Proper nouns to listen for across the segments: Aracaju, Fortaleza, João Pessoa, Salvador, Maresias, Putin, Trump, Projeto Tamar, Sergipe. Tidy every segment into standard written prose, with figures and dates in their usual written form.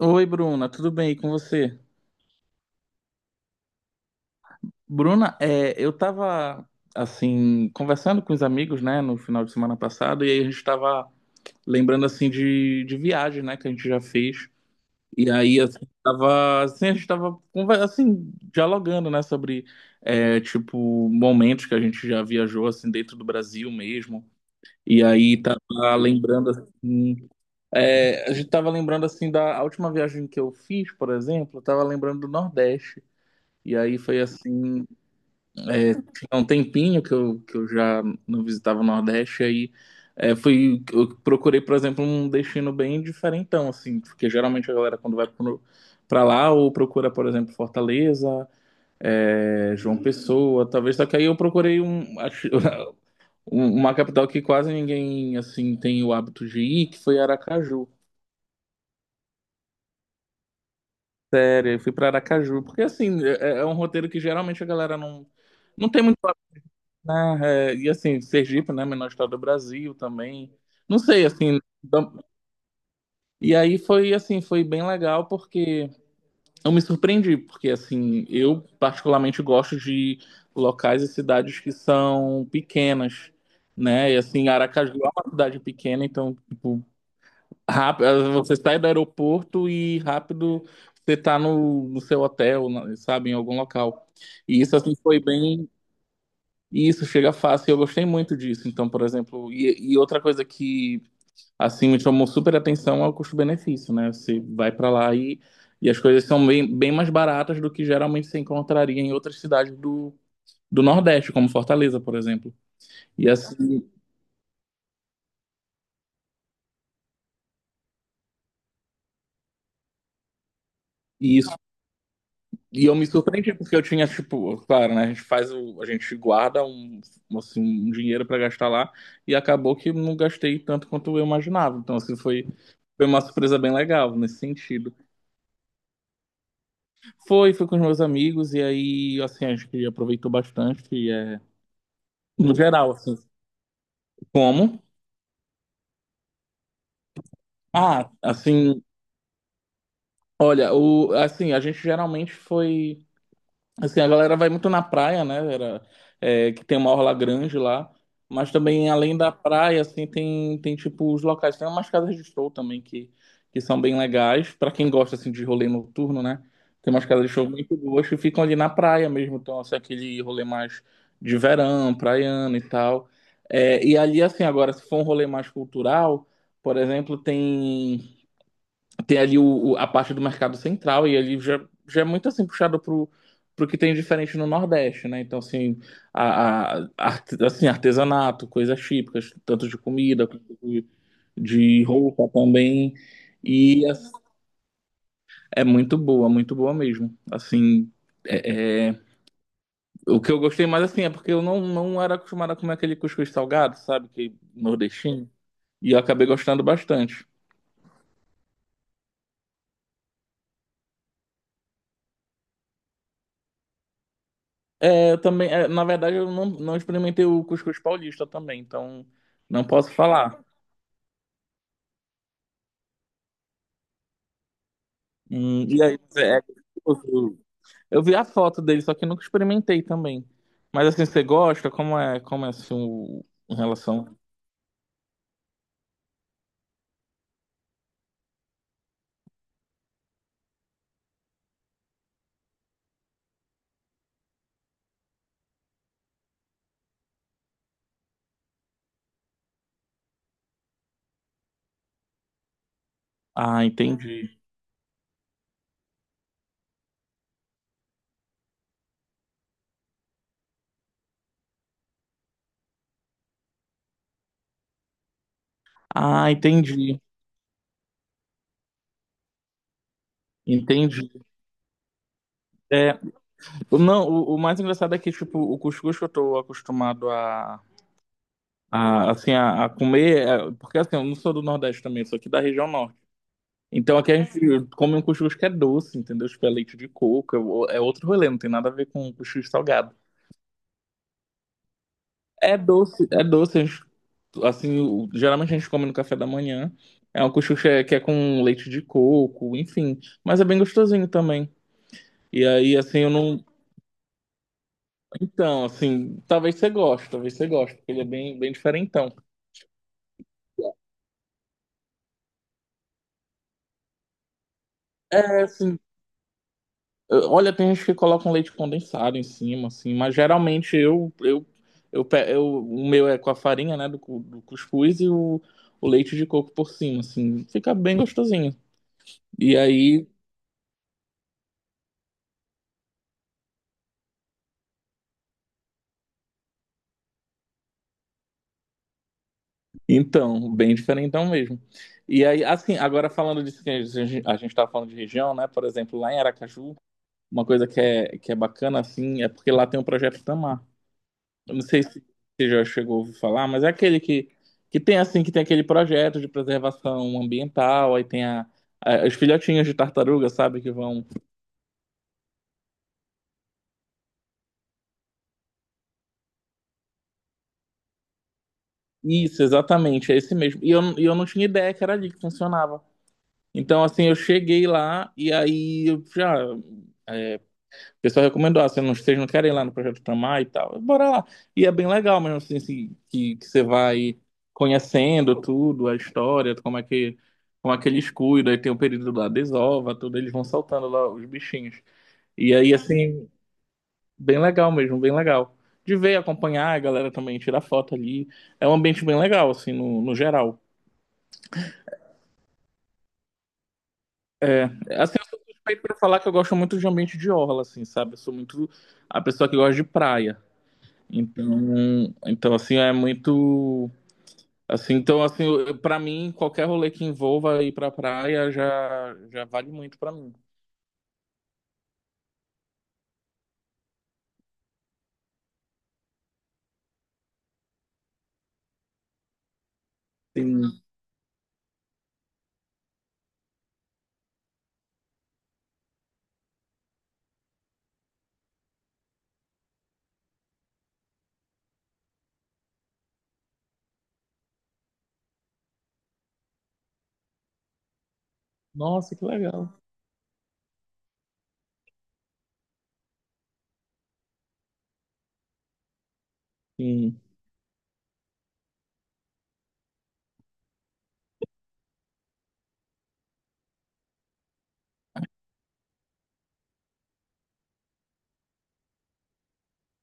Oi, Bruna, tudo bem e com você? Bruna, eu tava assim conversando com os amigos, né, no final de semana passado, e aí a gente tava lembrando assim de viagem, né, que a gente já fez. E aí assim, tava assim, a gente tava assim dialogando, né, sobre tipo momentos que a gente já viajou assim dentro do Brasil mesmo. E aí tava lembrando assim, a gente tava lembrando assim da a última viagem que eu fiz, por exemplo, eu tava lembrando do Nordeste. E aí foi assim, tinha um tempinho que eu já não visitava o Nordeste, aí eu procurei, por exemplo, um destino bem diferentão, assim, porque geralmente a galera quando vai pra lá, ou procura, por exemplo, Fortaleza, João Pessoa, talvez, só que aí eu procurei uma capital que quase ninguém, assim, tem o hábito de ir, que foi Aracaju. Sério, eu fui pra Aracaju, porque assim, é um roteiro que geralmente a galera não tem muito, né? É, e assim, Sergipe, né? Menor estado do Brasil também. Não sei, assim. E aí foi assim, foi bem legal porque eu me surpreendi, porque assim, eu particularmente gosto de locais e cidades que são pequenas, né? E assim, Aracaju é uma cidade pequena, então, tipo, rápido, você sai do aeroporto e rápido você tá no seu hotel, sabe, em algum local. E isso assim foi bem E isso chega fácil, e eu gostei muito disso. Então, por exemplo, e outra coisa que assim me chamou super atenção é o custo-benefício, né? Você vai para lá e as coisas são bem, bem mais baratas do que geralmente você encontraria em outras cidades do Nordeste, como Fortaleza, por exemplo. E assim, e isso, e eu me surpreendi porque eu tinha tipo, claro, né, a gente guarda assim, um dinheiro para gastar lá e acabou que não gastei tanto quanto eu imaginava. Então, assim, foi uma surpresa bem legal nesse sentido. Foi com os meus amigos, e aí, assim, acho que aproveitou bastante, e no geral, assim, como? Ah, assim, olha, a gente geralmente foi assim, a galera vai muito na praia, né? Que tem uma orla grande lá. Mas também, além da praia, assim, tem tipo os locais. Tem umas casas de show também que são bem legais. Pra quem gosta, assim, de rolê noturno, né? Tem umas casas de show muito boas que ficam ali na praia mesmo. Então, assim, aquele rolê mais de verão, praiano e tal. É, e ali, assim, agora, se for um rolê mais cultural, por exemplo, tem. Tem ali a parte do mercado central e ali já é muito assim puxado pro que tem diferente no Nordeste, né? Então, assim, assim, artesanato, coisas típicas, tanto de comida quanto de roupa também. E as- é muito boa mesmo. Assim, é, é- o que eu gostei mais assim é porque eu não era acostumado a comer aquele cuscuz salgado, sabe? Que é nordestino. E eu acabei gostando bastante. É, eu também, na verdade, eu não experimentei o cuscuz paulista também, então não posso falar. E aí, é gostoso. Eu vi a foto dele, só que nunca experimentei também. Mas assim, você gosta? Como é assim, em relação? Ah, entendi. Ah, entendi. Entendi. É, não, o mais engraçado é que, tipo, o cuscuz que eu tô acostumado a comer, porque assim, eu não sou do Nordeste também, sou aqui da região Norte. Então aqui a gente come um cuscuz que é doce, entendeu? Tipo, é leite de coco, é outro rolê, não tem nada a ver com cuscuz salgado. É doce, a gente, assim, geralmente a gente come no café da manhã. É um cuscuz que é com leite de coco, enfim, mas é bem gostosinho também. E aí, assim, eu não. Então, assim, talvez você goste, porque ele é bem, bem diferentão. É, assim, olha, tem gente que coloca um leite condensado em cima, assim, mas geralmente o meu é com a farinha, né, do cuscuz e o leite de coco por cima, assim, fica bem gostosinho. E aí, então, bem diferentão mesmo. E aí, assim, agora falando disso que a gente tá falando de região, né, por exemplo, lá em Aracaju, uma coisa que é bacana, assim, é porque lá tem o Projeto Tamar. Eu não sei se você já chegou a ouvir falar, mas é aquele que, que tem aquele projeto de preservação ambiental, aí tem as filhotinhas de tartaruga, sabe, que vão. Isso, exatamente, é esse mesmo. E eu não tinha ideia que era ali que funcionava. Então, assim, eu cheguei lá e aí eu já é, o pessoal recomendou, ah, se não, vocês não querem ir lá no Projeto Tamar e tal, bora lá. E é bem legal mesmo, assim, que você vai conhecendo tudo, a história, como é que eles cuidam, aí tem o período da desova, tudo, eles vão soltando lá os bichinhos. E aí, assim, bem legal mesmo, bem legal. De ver, acompanhar, a galera também tirar foto ali. É um ambiente bem legal, assim, no geral. É, assim, eu sou suspeito pra falar que eu gosto muito de ambiente de orla, assim, sabe? Eu sou muito a pessoa que gosta de praia. Então, então assim, é muito então assim, para mim, qualquer rolê que envolva ir pra praia já já vale muito pra mim. Sim. Nossa, que legal. Sim.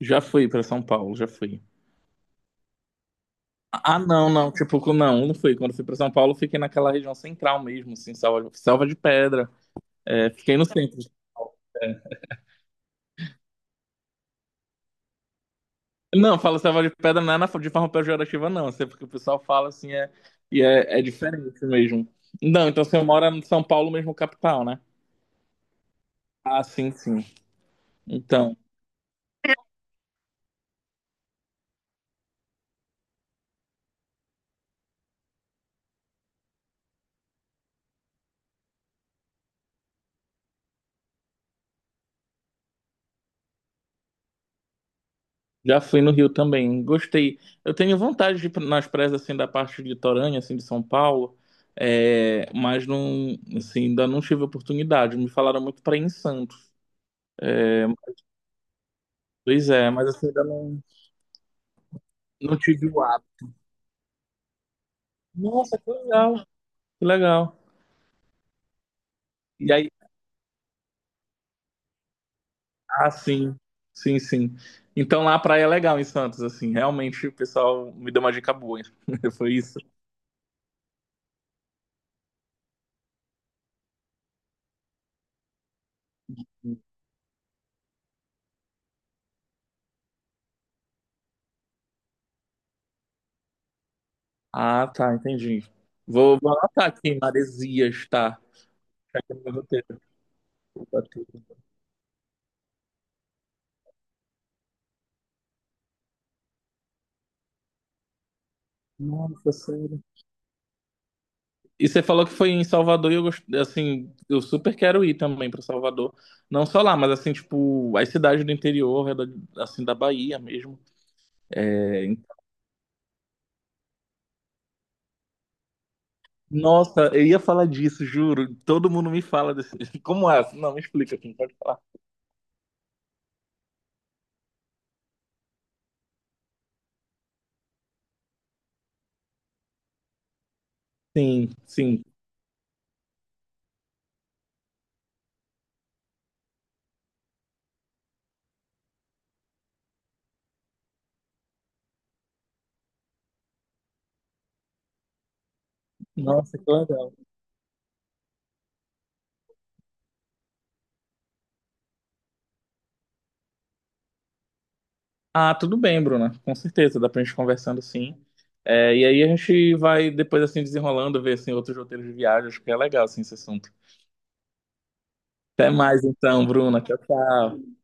Já fui pra São Paulo, já fui. Ah, não, não, tipo, não, não fui. Quando fui pra São Paulo, fiquei naquela região central mesmo, assim, Selva, Selva de Pedra. É, fiquei no centro. É. Não, falo Selva de Pedra não é de forma pejorativa, não. Assim, é porque o pessoal fala assim, e é diferente mesmo. Não, então você mora em São Paulo mesmo, capital, né? Ah, sim, sim. Então, já fui no Rio também. Gostei. Eu tenho vontade de ir nas praias assim da parte litorânea, assim de São Paulo, mas não, assim, ainda não tive oportunidade. Me falaram muito para ir em Santos. É, pois é, mas assim ainda não tive o hábito. Nossa, que legal, que legal. E aí, ah, sim, sim, sim. Então lá a praia é legal em Santos, assim, realmente o pessoal me deu uma dica boa. Foi isso. Ah, tá, entendi. Vou anotar aqui, Maresias, tá? No meu roteiro, tá tudo. Nossa, sério. E você falou que foi em Salvador e assim, eu super quero ir também pra Salvador. Não só lá, mas assim, tipo, as cidades do interior, assim, da Bahia mesmo. É, em- Nossa, eu ia falar disso, juro. Todo mundo me fala desse. Como é? Não, me explica, não pode falar. Sim, sim. Nossa, que legal. Ah, tudo bem, Bruna. Com certeza, dá pra gente conversando sim. É, e aí a gente vai depois assim desenrolando, ver assim, outros roteiros de viagem. Acho que é legal assim, esse assunto. Até mais então, Bruna. Tchau, tchau.